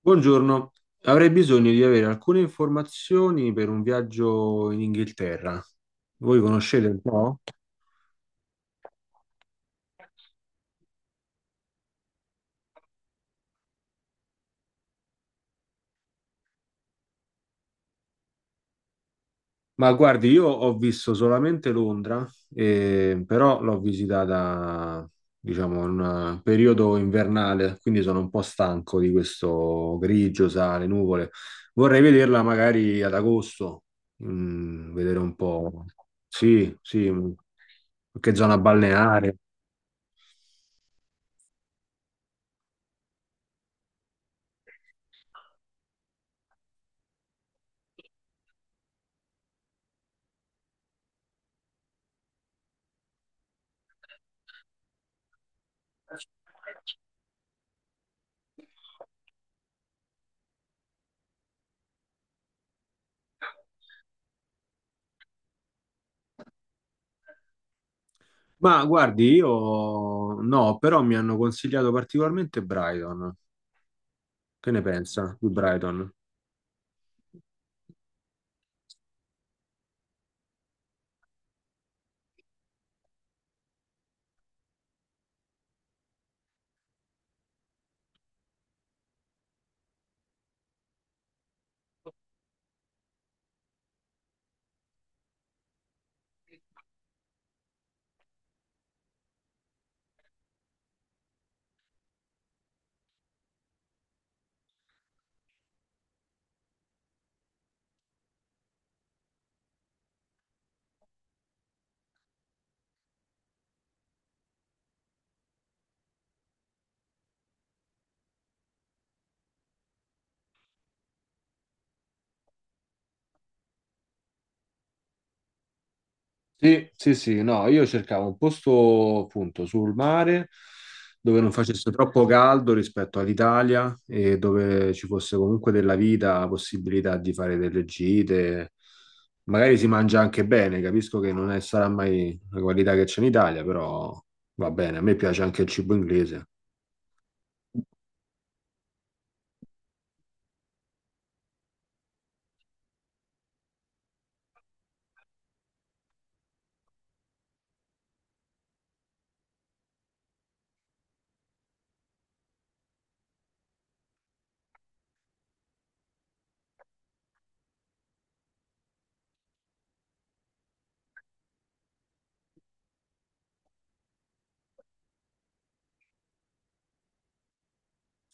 Buongiorno, avrei bisogno di avere alcune informazioni per un viaggio in Inghilterra. Voi conoscete un po'? Ma guardi, io ho visto solamente Londra, però l'ho visitata, diciamo, in un periodo invernale, quindi sono un po' stanco di questo grigio, sale, nuvole. Vorrei vederla magari ad agosto, mm, vedere un po'. Sì, sì, mm, qualche zona balneare. Ma guardi, io no, però mi hanno consigliato particolarmente Brighton. Che ne pensa di Brighton? Sì, sì, sì, no, io cercavo un posto appunto sul mare dove non facesse troppo caldo rispetto all'Italia e dove ci fosse comunque della vita, la possibilità di fare delle gite. Magari si mangia anche bene, capisco che non è- sarà mai la qualità che c'è in Italia, però va bene, a me piace anche il cibo inglese.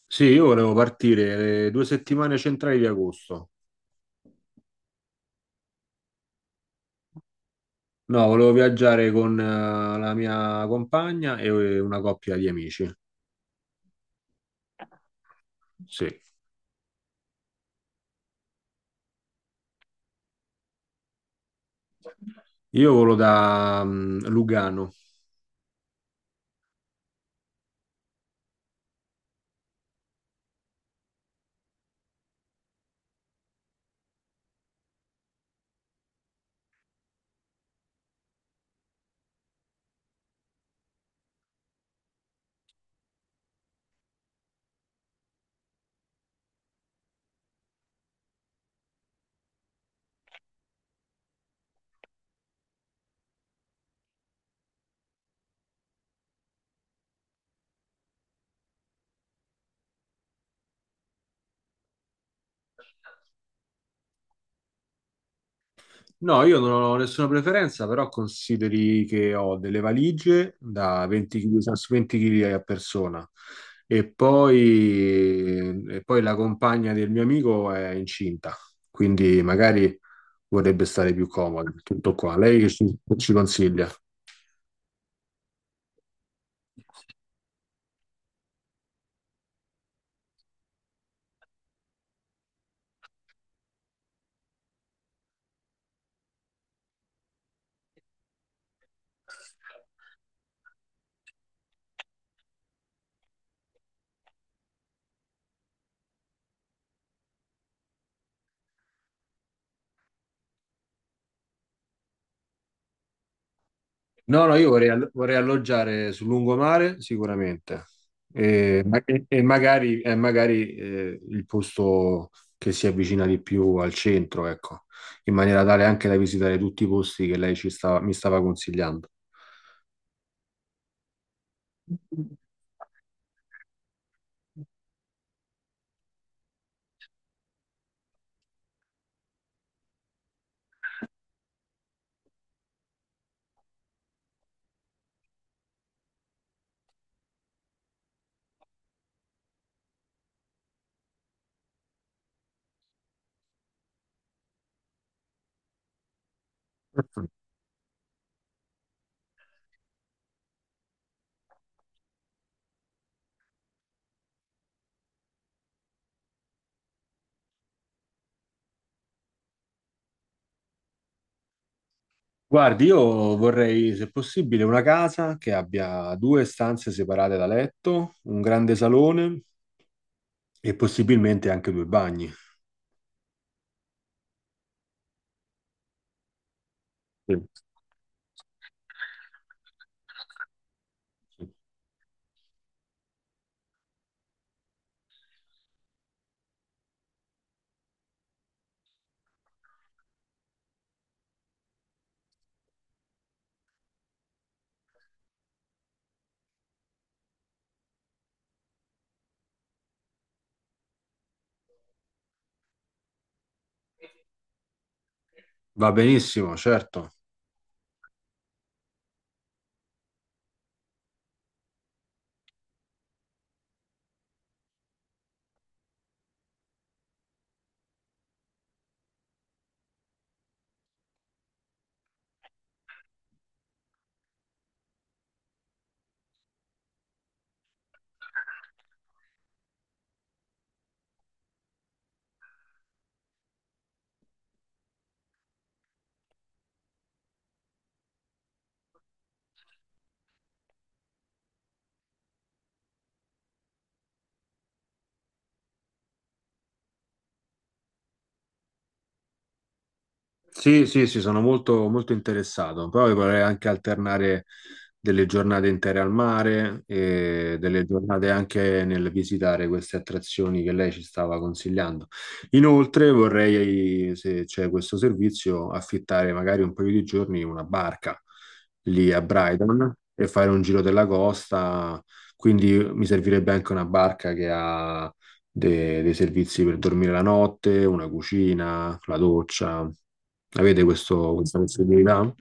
Sì, io volevo partire le due settimane centrali di agosto. No, volevo viaggiare con la mia compagna e una coppia di amici. Sì. Io volo da Lugano. No, io non ho nessuna preferenza, però consideri che ho delle valigie da 20 kg, a 20 kg a persona. E poi la compagna del mio amico è incinta, quindi magari vorrebbe stare più comoda. Tutto qua. Lei che ci, ci consiglia? No, no, io vorrei, vorrei alloggiare sul lungomare sicuramente e, e magari il posto che si avvicina di più al centro, ecco, in maniera tale anche da visitare tutti i posti che mi stava consigliando. Perfetto. Guardi, io vorrei, se possibile, una casa che abbia due stanze separate da letto, un grande salone e possibilmente anche due bagni. Sì. Va benissimo, certo. Sì, sì, sì, sono molto, molto interessato. Poi vorrei anche alternare delle giornate intere al mare e delle giornate anche nel visitare queste attrazioni che lei ci stava consigliando. Inoltre vorrei, se c'è questo servizio, affittare magari un paio di giorni una barca lì a Brighton e fare un giro della costa. Quindi mi servirebbe anche una barca che ha dei servizi per dormire la notte, una cucina, la doccia. Avete questa possibilità?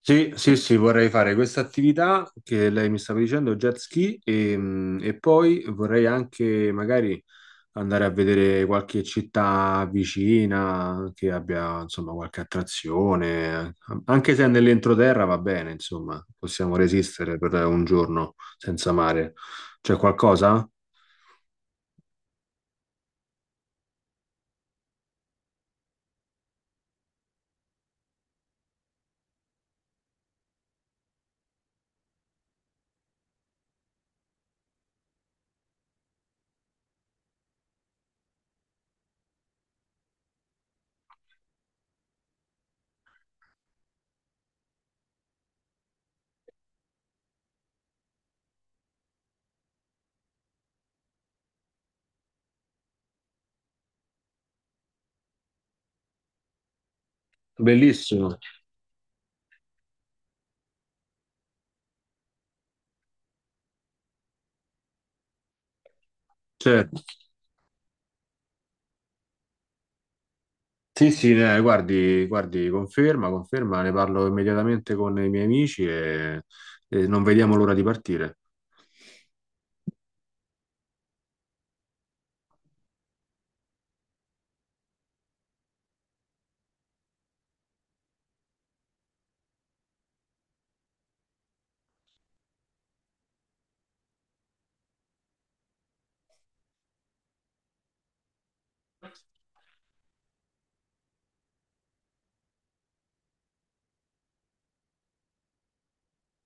Sì, sì, sì, vorrei fare questa attività che lei mi stava dicendo, jet ski, e poi vorrei anche magari andare a vedere qualche città vicina che abbia, insomma, qualche attrazione, anche se è nell'entroterra va bene, insomma, possiamo resistere per un giorno senza mare. C'è qualcosa? Bellissimo. Certo. Sì, sì, guardi, guardi, conferma, conferma, ne parlo immediatamente con i miei amici e non vediamo l'ora di partire.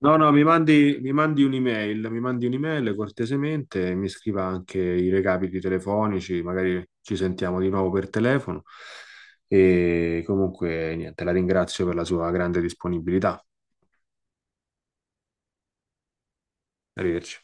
No, no, mi mandi un'email cortesemente, mi scriva anche i recapiti telefonici, magari ci sentiamo di nuovo per telefono e comunque niente, la ringrazio per la sua grande disponibilità. Arrivederci.